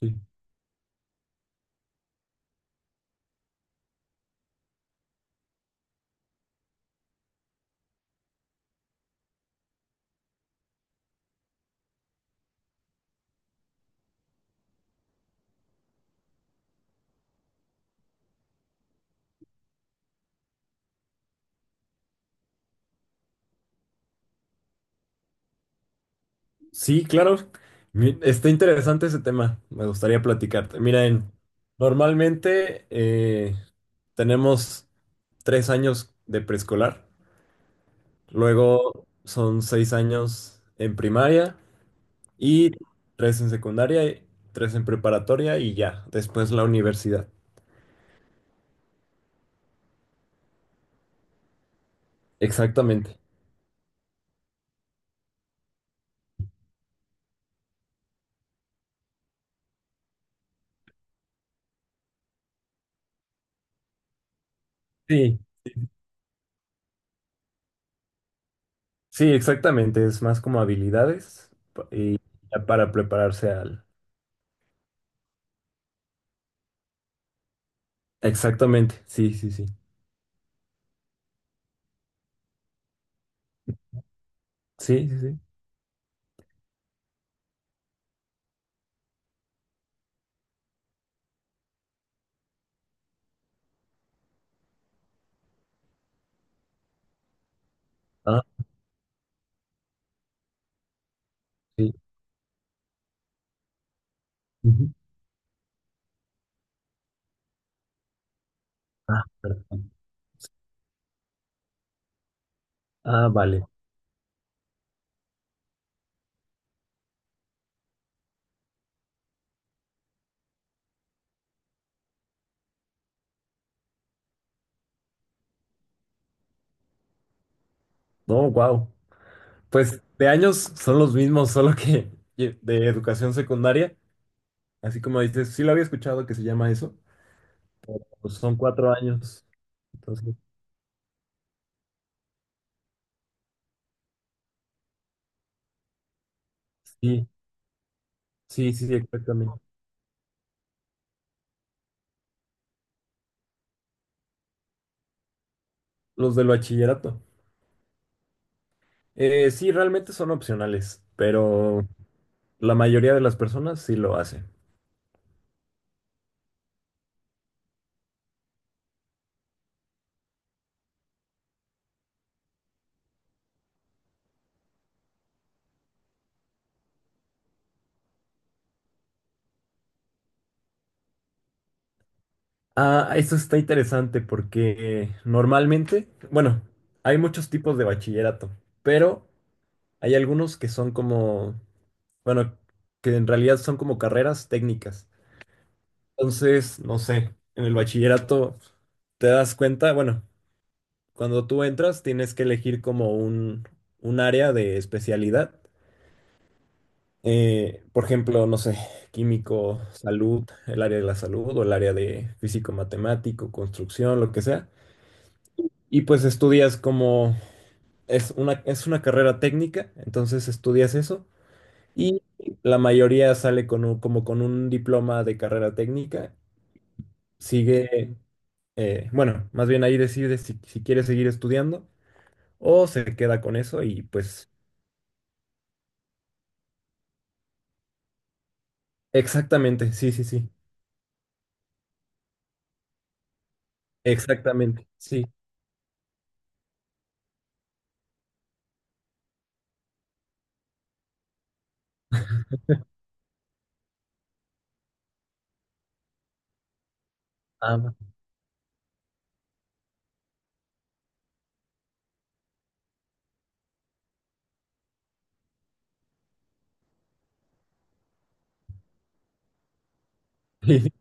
Sí, sí, claro. Está interesante ese tema. Me gustaría platicarte. Miren, normalmente tenemos 3 años de preescolar, luego son 6 años en primaria y tres en secundaria, y tres en preparatoria y ya, después la universidad. Exactamente. Sí, sí, exactamente. Es más como habilidades y ya para prepararse al. Exactamente. Sí, sí, sí. Sí, sí, sí. Sí. Ujú. Ah, perdón. Ah, vale. No, wow. Pues de años son los mismos, solo que de educación secundaria, así como dices, sí lo había escuchado que se llama eso, pero pues son 4 años. Entonces, sí, sí, sí, exactamente. Los del bachillerato. Sí, realmente son opcionales, pero la mayoría de las personas sí lo hacen. Ah, esto está interesante porque normalmente, bueno, hay muchos tipos de bachillerato, pero hay algunos que son como, bueno, que en realidad son como carreras técnicas. Entonces, no sé, en el bachillerato te das cuenta, bueno, cuando tú entras tienes que elegir como un área de especialidad. Por ejemplo, no sé, químico, salud, el área de la salud o el área de físico matemático, construcción, lo que sea. Y pues estudias como es una carrera técnica, entonces estudias eso y la mayoría sale con como con un diploma de carrera técnica. Sigue, bueno, más bien ahí decide si quiere seguir estudiando o se queda con eso y pues exactamente, sí, sí, sí, exactamente, sí. Ah, va. sí,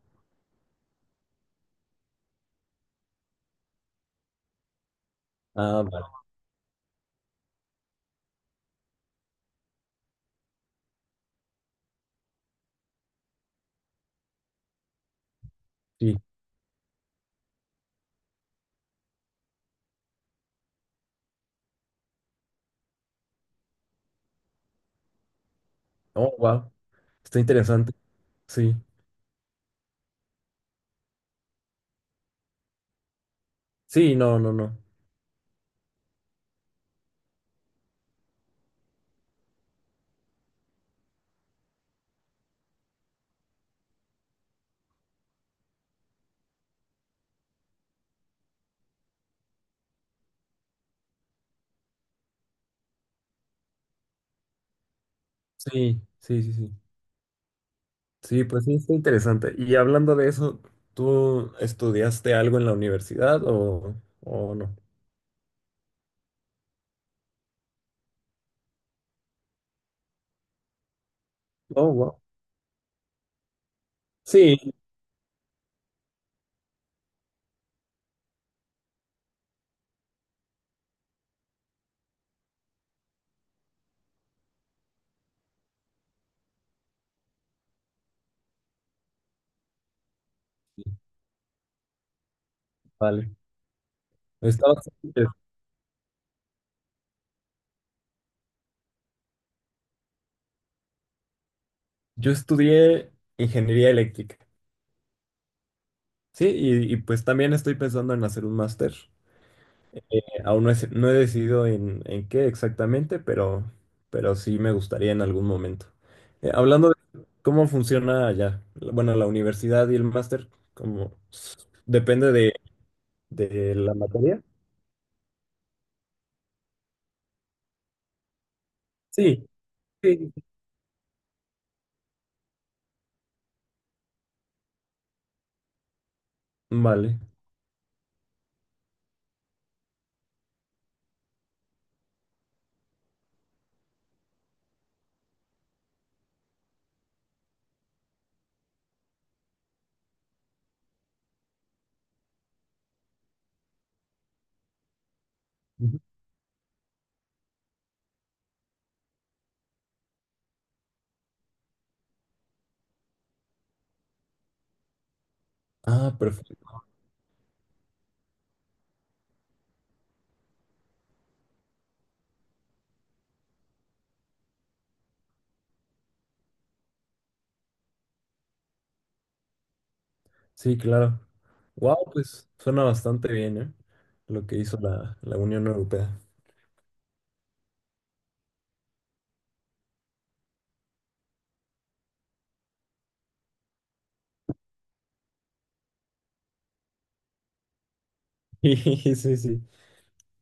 ah, vale, sí. Oh, wow, está interesante, sí. Sí, no, no, no. Sí, sí, sí, sí. Sí, pues sí, está interesante. Y hablando de eso, ¿tú estudiaste algo en la universidad o no? Oh, wow. Sí, vale. Está bastante. Yo estudié ingeniería eléctrica, sí, y pues también estoy pensando en hacer un máster. Aún no he decidido en qué exactamente, pero sí me gustaría en algún momento. Hablando de cómo funciona allá, bueno, la universidad y el máster, como depende de la materia. Sí, sí. Vale. Ujú. Ah, perfecto. Sí, claro. Wow, pues suena bastante bien, ¿eh? Lo que hizo la Unión Europea. Sí, sí, sí.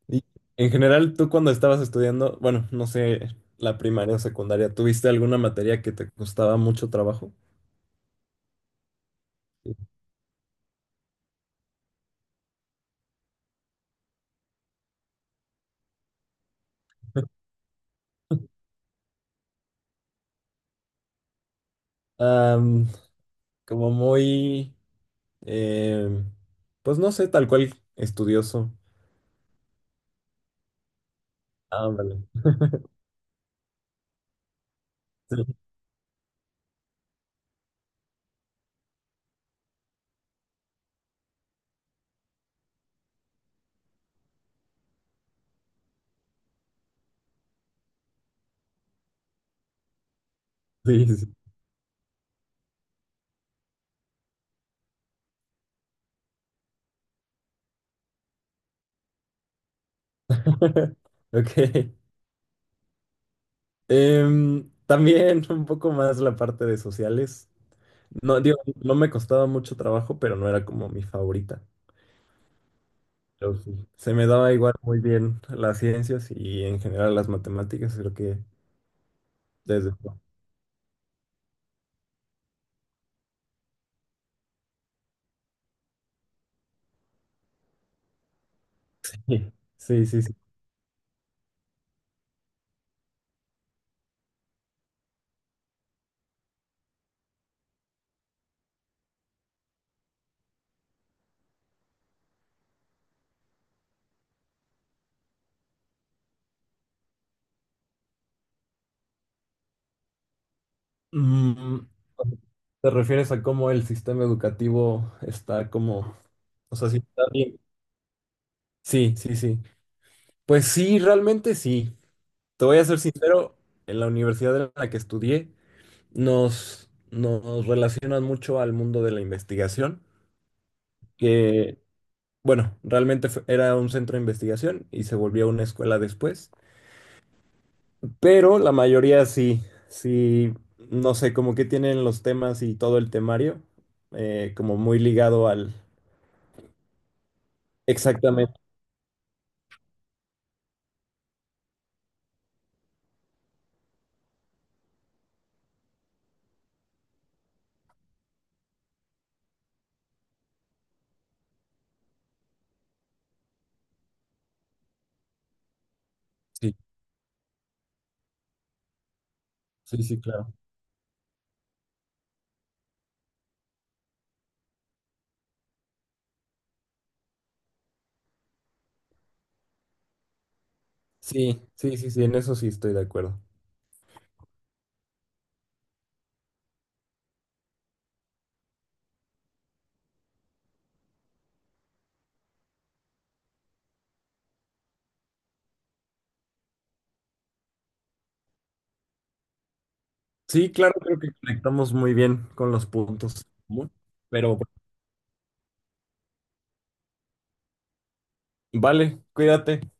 Y en general, tú cuando estabas estudiando, bueno, no sé, la primaria o secundaria, ¿tuviste alguna materia que te costaba mucho trabajo? Sí. Am, como muy, em, pues no sé, tal cual estudioso. Ah, vale. Sí, sí. sí. Ok. También un poco más la parte de sociales. No, digo, no me costaba mucho trabajo, pero no era como mi favorita. Pero sí, se me daba igual muy bien las ciencias y en general las matemáticas, creo que desde. Sí, sí, sí, sí. Mm, ¿te refieres a cómo el sistema educativo está como. O sea, sí está bien. Sí, sí, sí. Pues sí, realmente sí. Te voy a ser sincero, en la universidad en la que estudié nos relacionan mucho al mundo de la investigación, que bueno, realmente era un centro de investigación y se volvió una escuela después, pero la mayoría sí, sí, no sé, como que tienen los temas y todo el temario, como muy ligado al. Exactamente, sí, sí, sí, claro. Sí, sí, sí, sí, en eso sí estoy de acuerdo. Sí, claro, creo que conectamos muy bien con los puntos en común, pero bueno, vale, cuídate.